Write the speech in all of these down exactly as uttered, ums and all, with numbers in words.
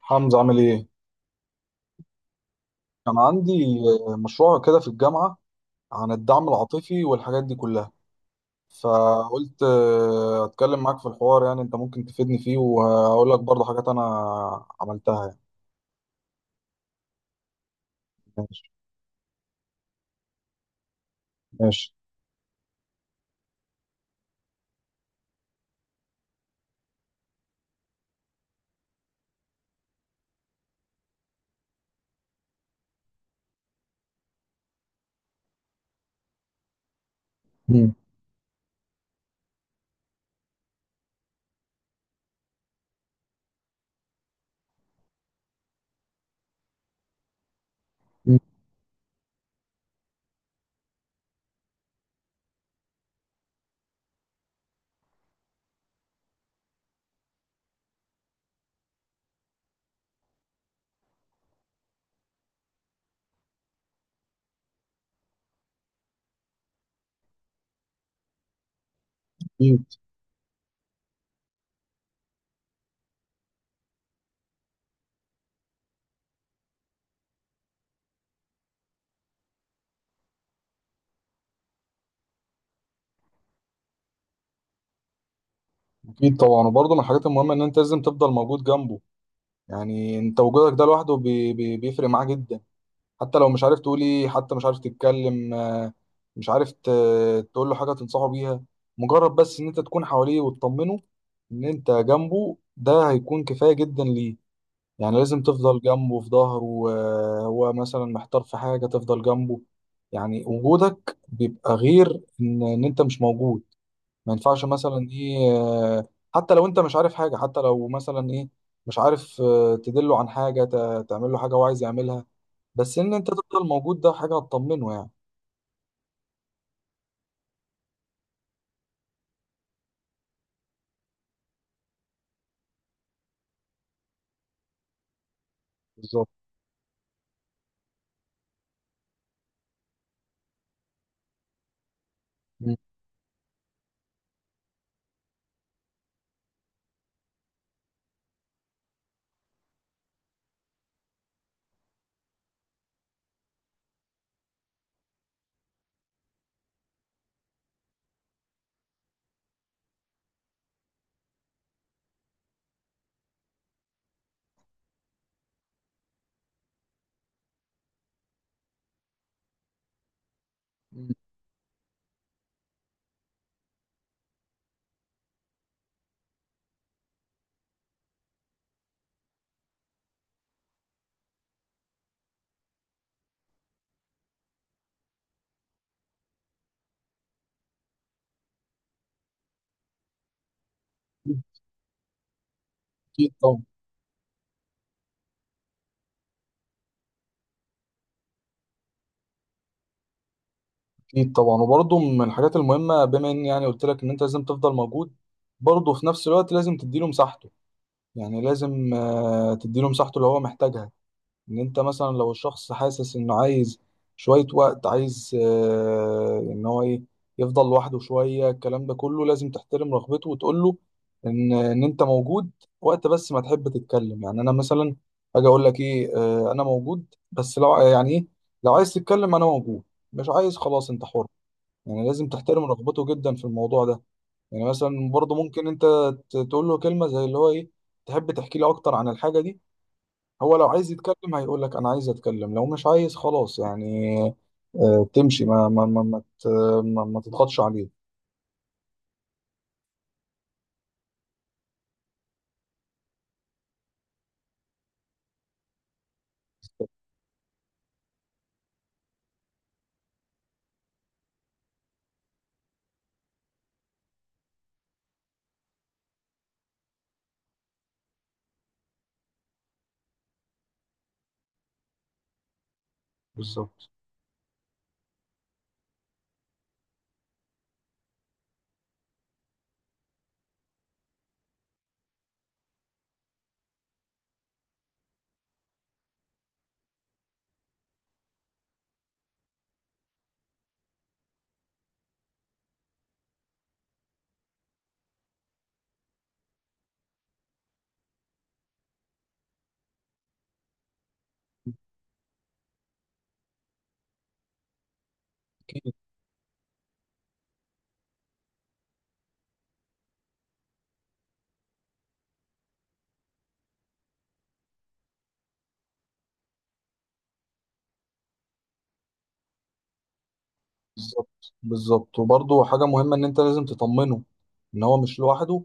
حمزة عامل ايه؟ كان عندي مشروع كده في الجامعة عن الدعم العاطفي والحاجات دي كلها. فقلت آه، اتكلم معاك في الحوار، يعني انت ممكن تفيدني فيه وهقول لك برضه حاجات انا عملتها يعني. ماشي ماشي. مم. مم. اكيد اكيد طبعا، وبرضه من الحاجات المهمة ان انت لازم تفضل موجود جنبه. يعني انت وجودك ده لوحده بي بي بيفرق معاه جدا. حتى لو مش عارف تقولي، حتى مش عارف تتكلم، آه، مش عارف ت- تقول له حاجة تنصحه بيها. مجرد بس ان انت تكون حواليه وتطمنه ان انت جنبه، ده هيكون كفاية جدا ليه. يعني لازم تفضل جنبه في ظهره، آه، هو مثلا محتار في حاجة تفضل جنبه. يعني وجودك بيبقى غير ان ان انت مش موجود. ما ينفعش مثلا ايه آه، حتى لو انت مش عارف حاجة، حتى لو مثلا ايه مش عارف آه، تدله عن حاجة، ت- تعمل له حاجة هو عايز يعملها. بس ان انت تفضل موجود، ده حاجه هتطمنه يعني. بالظبط. مم. مم. اكيد طبعا. اكيد طبعا، وبرضه من الحاجات المهمه، بما اني يعني قلت لك ان انت لازم تفضل موجود، برضه في نفس الوقت لازم تديله مساحته. يعني لازم آه، تديله مساحته اللي هو محتاجها. ان انت مثلا لو الشخص حاسس انه عايز شوية وقت، عايز آه، ان هو ايه يفضل لوحده شوية، الكلام ده كله لازم تحترم رغبته وتقول له ان ان انت موجود وقت بس ما تحب تتكلم. يعني انا مثلا اجي اقول لك ايه آه، انا موجود، بس لو يعني ايه لو عايز تتكلم انا موجود. مش عايز، خلاص انت حر. يعني لازم تحترم رغبته جدا في الموضوع ده. يعني مثلا برضه ممكن انت ت- تقول له كلمة زي اللي هو ايه، تحب تحكي لي اكتر عن الحاجة دي؟ هو لو عايز يتكلم هيقول لك انا عايز اتكلم، لو مش عايز خلاص يعني. آه، تمشي ما ما ما ما, ما, ما تضغطش عليه. بالظبط بالظبط. بالظبط وبرضه حاجة مهمة إن أنت لازم تطمنه إن هو مش لوحده.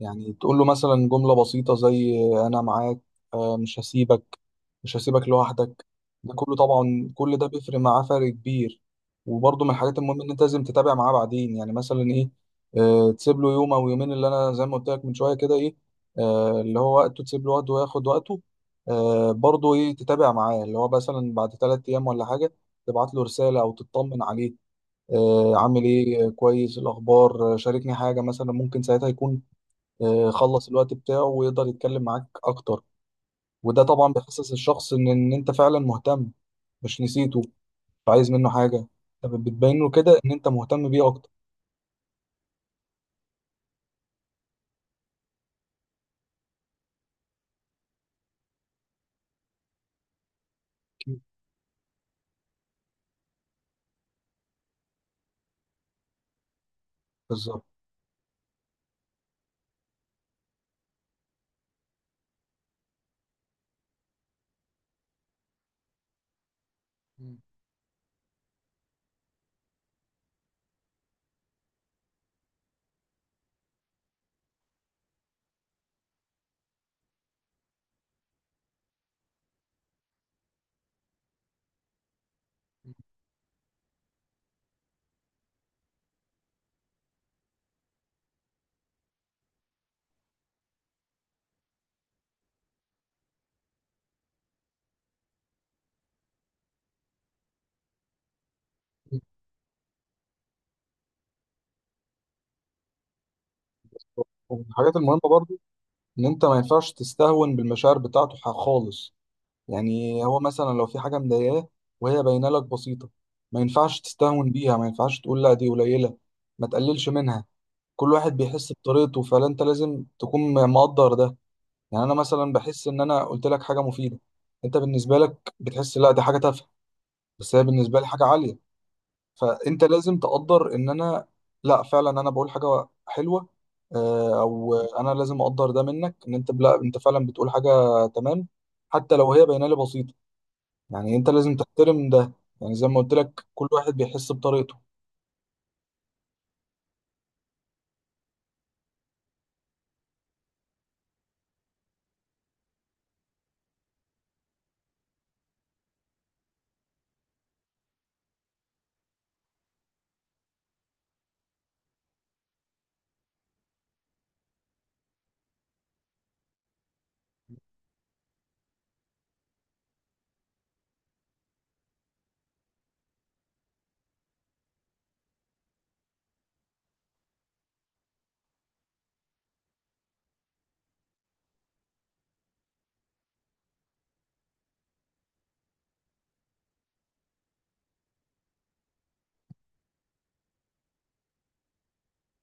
يعني تقول له مثلا جملة بسيطة زي أنا معاك، آه، مش هسيبك، مش هسيبك لوحدك. ده كله طبعا، كل ده بيفرق معاه فرق كبير. وبرضه من الحاجات المهمة إن أنت لازم تتابع معاه بعدين. يعني مثلا إيه، آه، تسيب له يوم أو يومين، اللي أنا زي ما قلت لك من شوية كده إيه، آه، اللي هو وقته، تسيب له وقته وياخد وقته. آه، برضه إيه تتابع معاه، اللي هو مثلا بعد تلات أيام ولا حاجة، تبعت له رسالة أو تطمن عليه. آه، عامل ايه، آه، كويس، إيه الاخبار، آه، شاركني حاجه مثلا. ممكن ساعتها يكون آه، خلص الوقت بتاعه ويقدر يتكلم معاك اكتر. وده طبعا بيحسس الشخص ان ان انت فعلا مهتم، مش نسيته، مش عايز منه حاجه. طب بتبين له كده ان انت مهتم بيه اكتر. بالظبط. ومن الحاجات المهمه برضو ان انت ما ينفعش تستهون بالمشاعر بتاعته ح- خالص. يعني هو مثلا لو في حاجه مضايقاه وهي باينه لك بسيطه، ما ينفعش تستهون بيها، ما ينفعش تقول لا دي قليله، ما تقللش منها. كل واحد بيحس بطريقته، فانت لازم تكون مقدر ده. يعني انا مثلا بحس ان انا قلت لك حاجه مفيده، انت بالنسبه لك بتحس لا دي حاجه تافهه، بس هي بالنسبه لي حاجه عاليه. فانت لازم تقدر ان انا لا فعلا انا بقول حاجه حلوه، آه، او انا لازم اقدر ده منك ان انت لا انت فعلا بتقول حاجه تمام. حتى لو هي باينه لي بسيطه، يعني انت لازم تحترم ده. يعني زي ما قلت لك كل واحد بيحس بطريقته.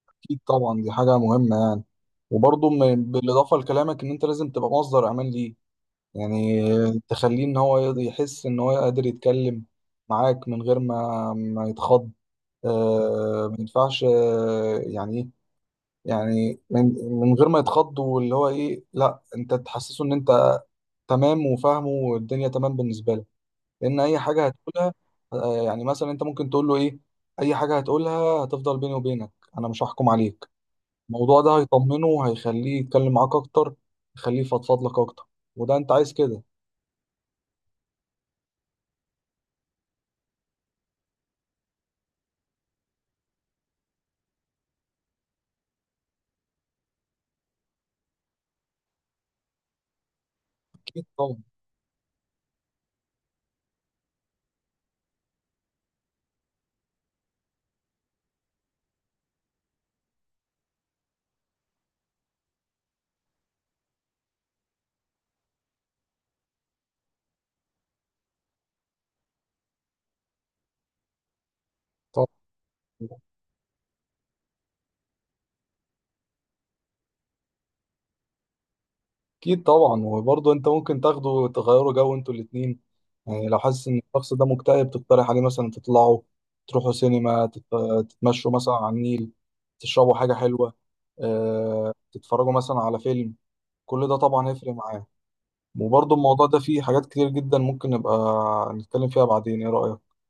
اكيد طبعا، دي حاجه مهمه يعني. وبرضه م- بالاضافه لكلامك ان انت لازم تبقى مصدر امان ليه. يعني تخليه ان هو يقدر- يحس ان هو قادر يتكلم معاك من غير ما ما يتخض. آه ما ينفعش آه يعني ايه، يعني من, من غير ما يتخض، واللي هو ايه لا انت تحسسه ان انت تمام وفاهمه والدنيا تمام بالنسبه له. لان اي حاجه هتقولها، آه يعني مثلا انت ممكن تقول له ايه اي حاجه هتقولها هتفضل بيني وبينك، انا مش هحكم عليك. الموضوع ده هيطمنه وهيخليه يتكلم معاك اكتر، يخليه يفضفض لك اكتر، وده انت عايز كده. اكيد طبعا. طب اكيد طبعا، وبرضه انت ممكن تاخده تغيروا جو انتوا الاتنين. يعني لو حاسس ان الشخص ده مكتئب تقترح عليه مثلا تطلعوا، تروحوا سينما، تت- تتمشوا مثلا على النيل، تشربوا حاجة حلوة، آه، تتفرجوا مثلا على فيلم. كل ده طبعا هيفرق معاه. وبرضه الموضوع ده فيه حاجات كتير جدا ممكن نبقى نتكلم فيها بعدين، ايه رأيك؟